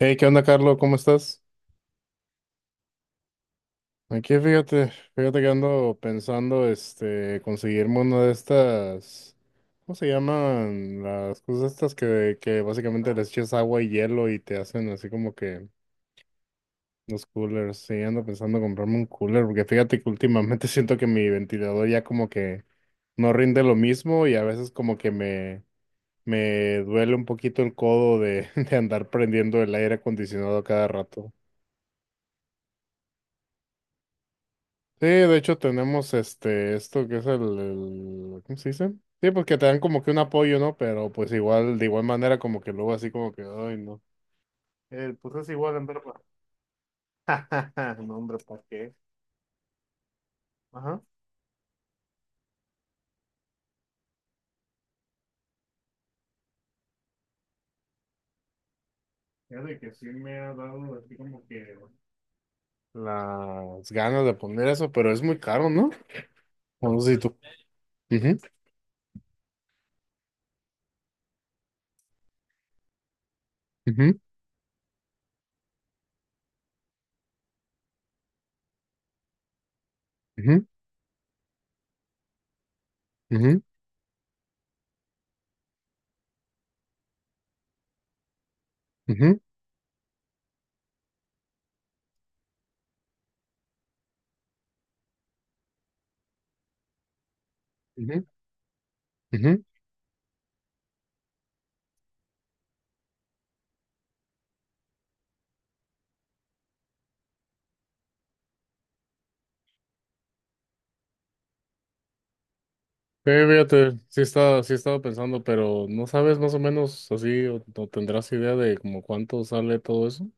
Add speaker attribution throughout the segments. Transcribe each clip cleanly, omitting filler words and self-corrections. Speaker 1: Hey, ¿qué onda, Carlos? ¿Cómo estás? Aquí, fíjate que ando pensando, conseguirme una de estas, ¿cómo se llaman? Las cosas estas que básicamente les echas agua y hielo y te hacen así como que los coolers. Sí, ando pensando comprarme un cooler, porque fíjate que últimamente siento que mi ventilador ya como que no rinde lo mismo y a veces como que me duele un poquito el codo de, de andar prendiendo el aire acondicionado a cada rato. Sí, de hecho tenemos esto que es ¿cómo se dice? Sí, porque te dan como que un apoyo, ¿no? Pero pues igual, de igual manera como que luego así como que, ay, no. Pues es igual en verba. No, hombre, ¿para qué? Ajá. Fíjate que sí me ha dado así como que las ganas de poner eso, pero es muy caro, ¿no? O no sé si tú. Ujú, ujú, ujú, ujú, ujú, ujú, ujú. Sí, fíjate, sí estaba pensando, pero ¿no sabes más o menos así o tendrás idea de como cuánto sale todo eso?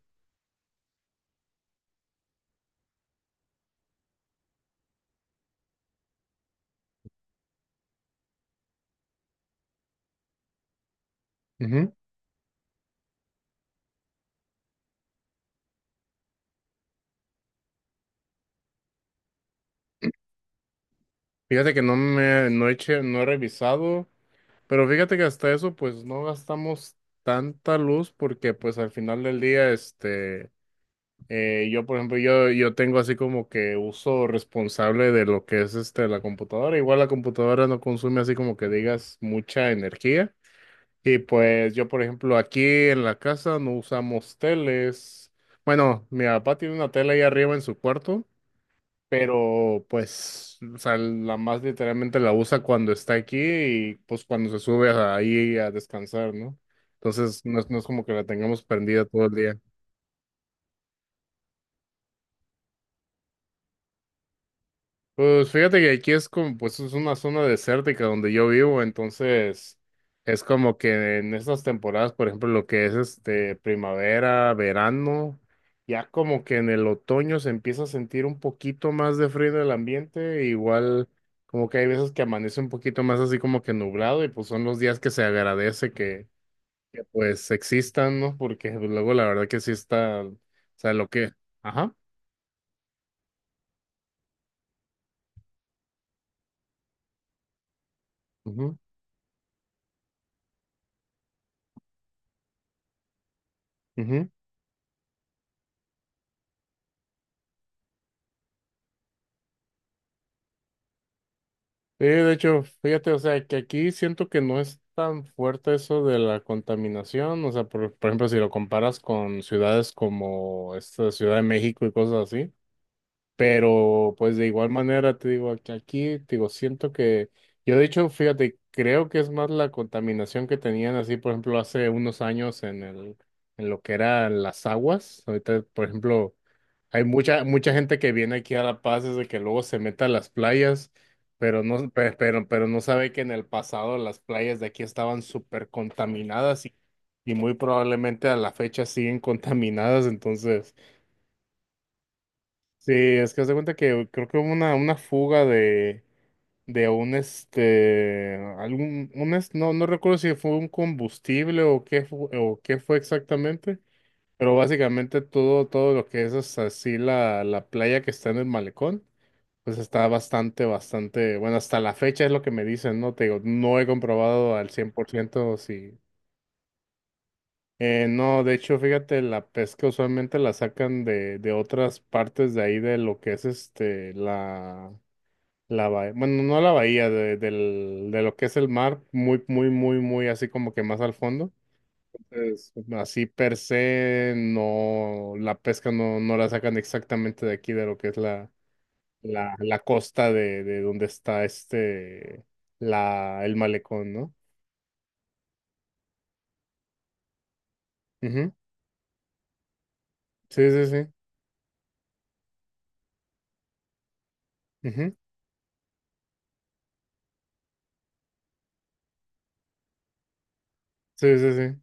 Speaker 1: Ujú. Fíjate que no me, no he revisado, pero fíjate que hasta eso pues no gastamos tanta luz porque pues al final del día, yo por ejemplo, yo tengo así como que uso responsable de lo que es la computadora. Igual la computadora no consume así como que digas mucha energía. Y pues yo, por ejemplo, aquí en la casa no usamos teles. Bueno, mi papá tiene una tele ahí arriba en su cuarto, pero pues, o sea, la más literalmente la usa cuando está aquí y pues cuando se sube ahí a descansar, ¿no? Entonces, no es como que la tengamos prendida todo el día. Pues fíjate que aquí es como, pues es una zona desértica donde yo vivo, entonces es como que en estas temporadas, por ejemplo, lo que es primavera, verano, ya como que en el otoño se empieza a sentir un poquito más de frío en el ambiente, igual como que hay veces que amanece un poquito más así como que nublado y pues son los días que se agradece que pues existan, ¿no? Porque pues, luego la verdad que sí está, o sea, lo que, ajá, mhm. Sí, de hecho, fíjate, o sea, que aquí siento que no es tan fuerte eso de la contaminación, o sea, por ejemplo, si lo comparas con ciudades como esta Ciudad de México y cosas así, pero pues de igual manera te digo que aquí, te digo, siento que yo de hecho, fíjate, creo que es más la contaminación que tenían así, por ejemplo, hace unos años en el, en lo que eran las aguas. Ahorita, por ejemplo, hay mucha gente que viene aquí a La Paz desde que luego se mete a las playas, pero no sabe que en el pasado las playas de aquí estaban súper contaminadas y muy probablemente a la fecha siguen contaminadas, entonces. Sí, es que haz de cuenta que creo que hubo una fuga de un este algún un es- no, no recuerdo si fue un combustible o qué fue exactamente, pero básicamente todo, todo lo que es hasta así la playa que está en el malecón, pues está bastante, bastante, bueno, hasta la fecha es lo que me dicen, ¿no? Te digo, no he comprobado al 100% si no, de hecho, fíjate, la pesca usualmente la sacan de otras partes de ahí de lo que es la la bahía, bueno, no la bahía, de lo que es el mar, muy así como que más al fondo. Entonces, así per se, no, la pesca no la sacan exactamente de aquí, de lo que es la costa de donde está la, el malecón, ¿no? Ujú. Sí, sí, sí. Ujú. Sí, sí, sí.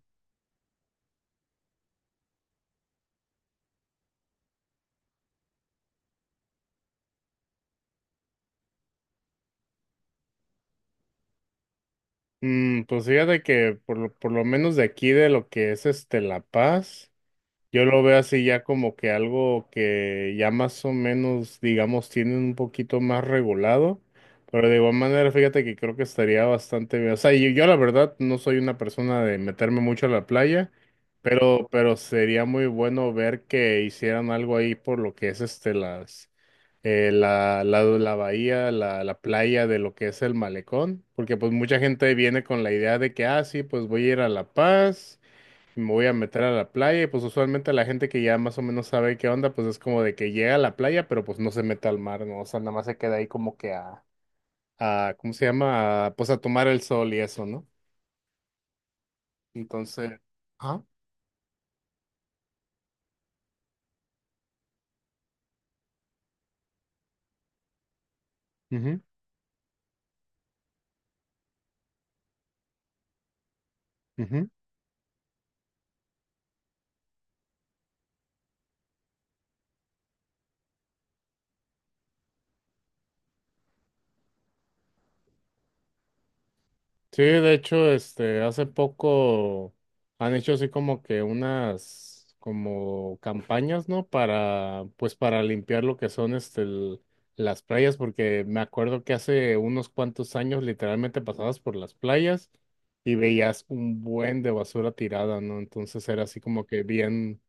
Speaker 1: Mm, pues fíjate que por, por lo menos de aquí, de lo que es La Paz. Yo lo veo así ya como que algo que ya más o menos, digamos, tienen un poquito más regulado, pero de igual manera, fíjate que creo que estaría bastante bien. O sea, yo la verdad no soy una persona de meterme mucho a la playa, pero sería muy bueno ver que hicieran algo ahí por lo que es las la bahía, la playa de lo que es el malecón, porque pues mucha gente viene con la idea de que, ah, sí, pues voy a ir a La Paz, me voy a meter a la playa y pues usualmente la gente que ya más o menos sabe qué onda, pues es como de que llega a la playa, pero pues no se mete al mar, ¿no? O sea, nada más se queda ahí como que a ¿cómo se llama? A, pues a tomar el sol y eso, ¿no? Entonces, ajá, ujú, ujú. Sí, de hecho, hace poco han hecho así como que unas como campañas, ¿no? Para, pues para limpiar lo que son las playas, porque me acuerdo que hace unos cuantos años literalmente pasabas por las playas y veías un buen de basura tirada, ¿no? Entonces era así como que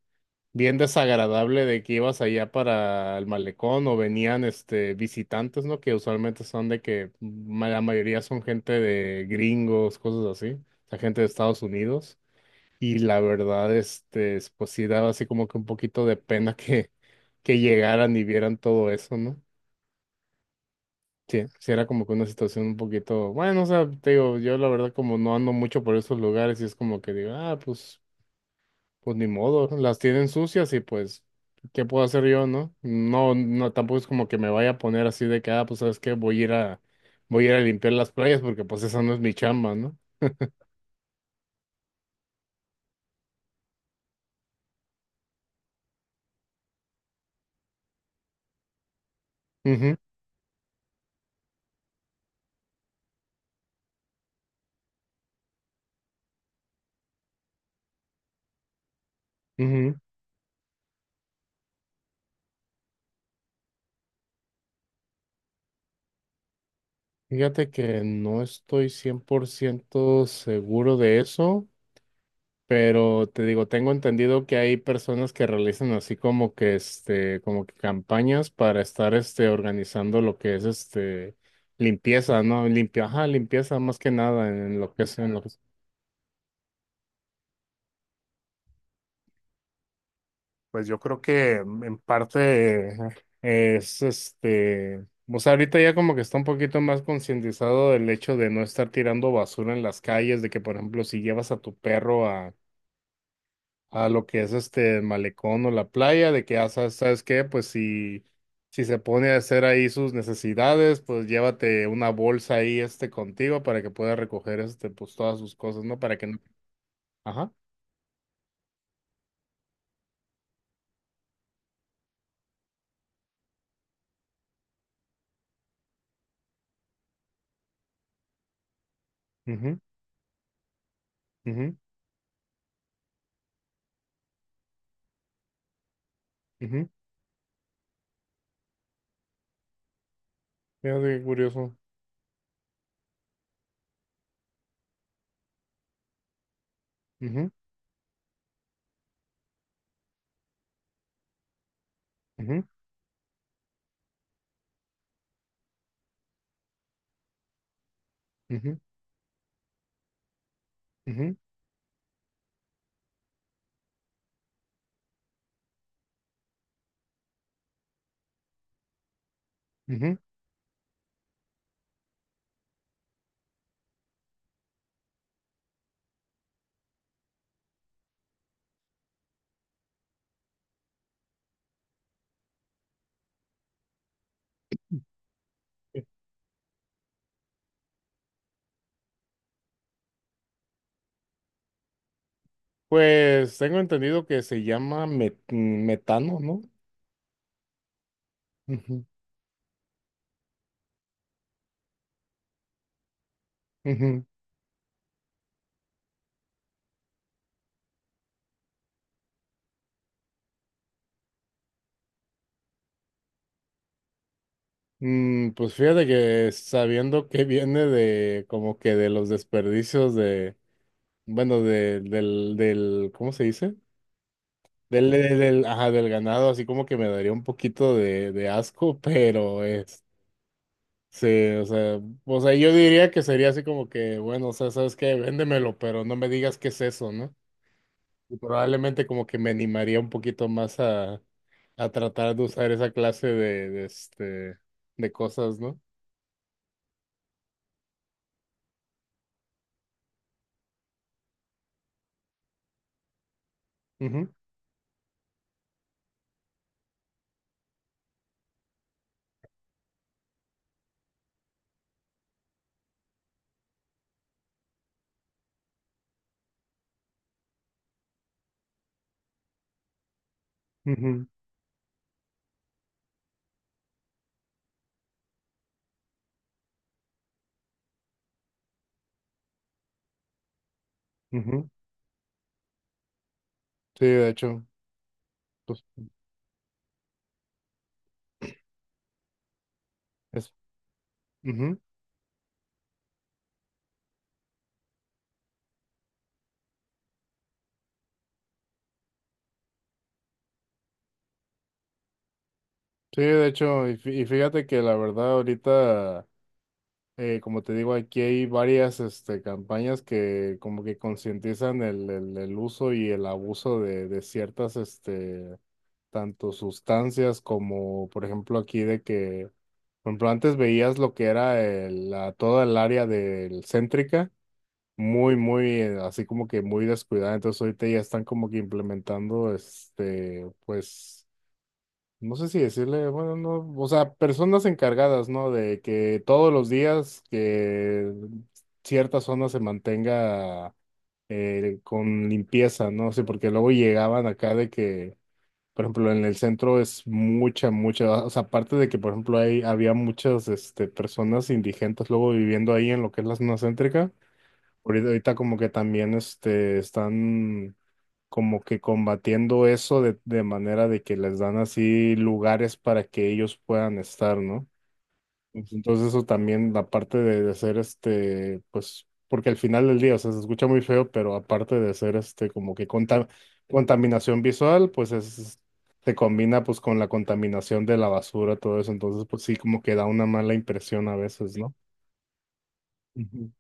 Speaker 1: bien desagradable de que ibas allá para el malecón o venían visitantes, ¿no? Que usualmente son de que la mayoría son gente de gringos, cosas así, o sea, gente de Estados Unidos. Y la verdad, pues sí daba así como que un poquito de pena que llegaran y vieran todo eso, ¿no? Sí, sí era como que una situación un poquito, bueno, o sea, te digo, yo la verdad como no ando mucho por esos lugares y es como que digo, ah, pues. Pues ni modo, las tienen sucias y pues, ¿qué puedo hacer yo, no? No, no, tampoco es como que me vaya a poner así de que, ah, pues, ¿sabes qué? Voy a ir a, voy a ir a limpiar las playas porque pues esa no es mi chamba, ¿no? Ujú, ujú. Fíjate que no estoy 100% seguro de eso, pero te digo, tengo entendido que hay personas que realizan así como que, como que campañas para estar, organizando lo que es, limpieza, ¿no? Limpia, ajá, limpieza más que nada en lo que es, en lo pues yo creo que en parte o sea, ahorita ya como que está un poquito más concientizado del hecho de no estar tirando basura en las calles, de que por ejemplo si llevas a tu perro a lo que es el malecón o la playa, de que ya sabes, ¿sabes qué? Pues si, si se pone a hacer ahí sus necesidades, pues llévate una bolsa ahí contigo para que pueda recoger pues todas sus cosas, ¿no? Para que no. Ajá. Mhm. Mhm. Mhm. Fíjate qué curioso. Mhm. Mhm. Mhm. Ujú, ujú. Pues tengo entendido que se llama metano, ¿no? Ujú, ujú. Mm, pues fíjate que sabiendo que viene de como que de los desperdicios de, bueno, ¿cómo se dice? Ajá, del ganado, así como que me daría un poquito de asco, pero es, sí, o sea, yo diría que sería así como que, bueno, o sea, ¿sabes qué? Véndemelo, pero no me digas qué es eso, ¿no? Y probablemente como que me animaría un poquito más a tratar de usar esa clase de, de cosas, ¿no? Ujú, ujú, ujú. Sí, de hecho, pues es- ujú. Sí, de hecho, y fíjate que la verdad ahorita, como te digo, aquí hay varias campañas que como que concientizan el uso y el abuso de ciertas tanto sustancias como, por ejemplo, aquí de que, por ejemplo, antes veías lo que era toda el área del Céntrica, así como que muy descuidada, entonces ahorita ya están como que implementando, pues, no sé si decirle, bueno, no, o sea, personas encargadas, ¿no? De que todos los días que cierta zona se mantenga con limpieza, ¿no? Sí, porque luego llegaban acá de que por ejemplo, en el centro es mucha, o sea, aparte de que, por ejemplo, hay había muchas, personas indigentes luego viviendo ahí en lo que es la zona céntrica, ahorita como que también, están como que combatiendo eso de manera de que les dan así lugares para que ellos puedan estar, ¿no? Pues, entonces eso también, la parte de ser pues, porque al final del día, o sea, se escucha muy feo, pero aparte de ser contaminación visual, pues es, se combina pues con la contaminación de la basura, todo eso, entonces pues sí, como que da una mala impresión a veces, ¿no? Ujú.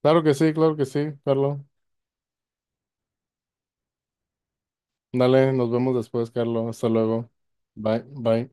Speaker 1: Claro que sí, Carlos. Dale, nos vemos después, Carlos. Hasta luego. Bye, bye.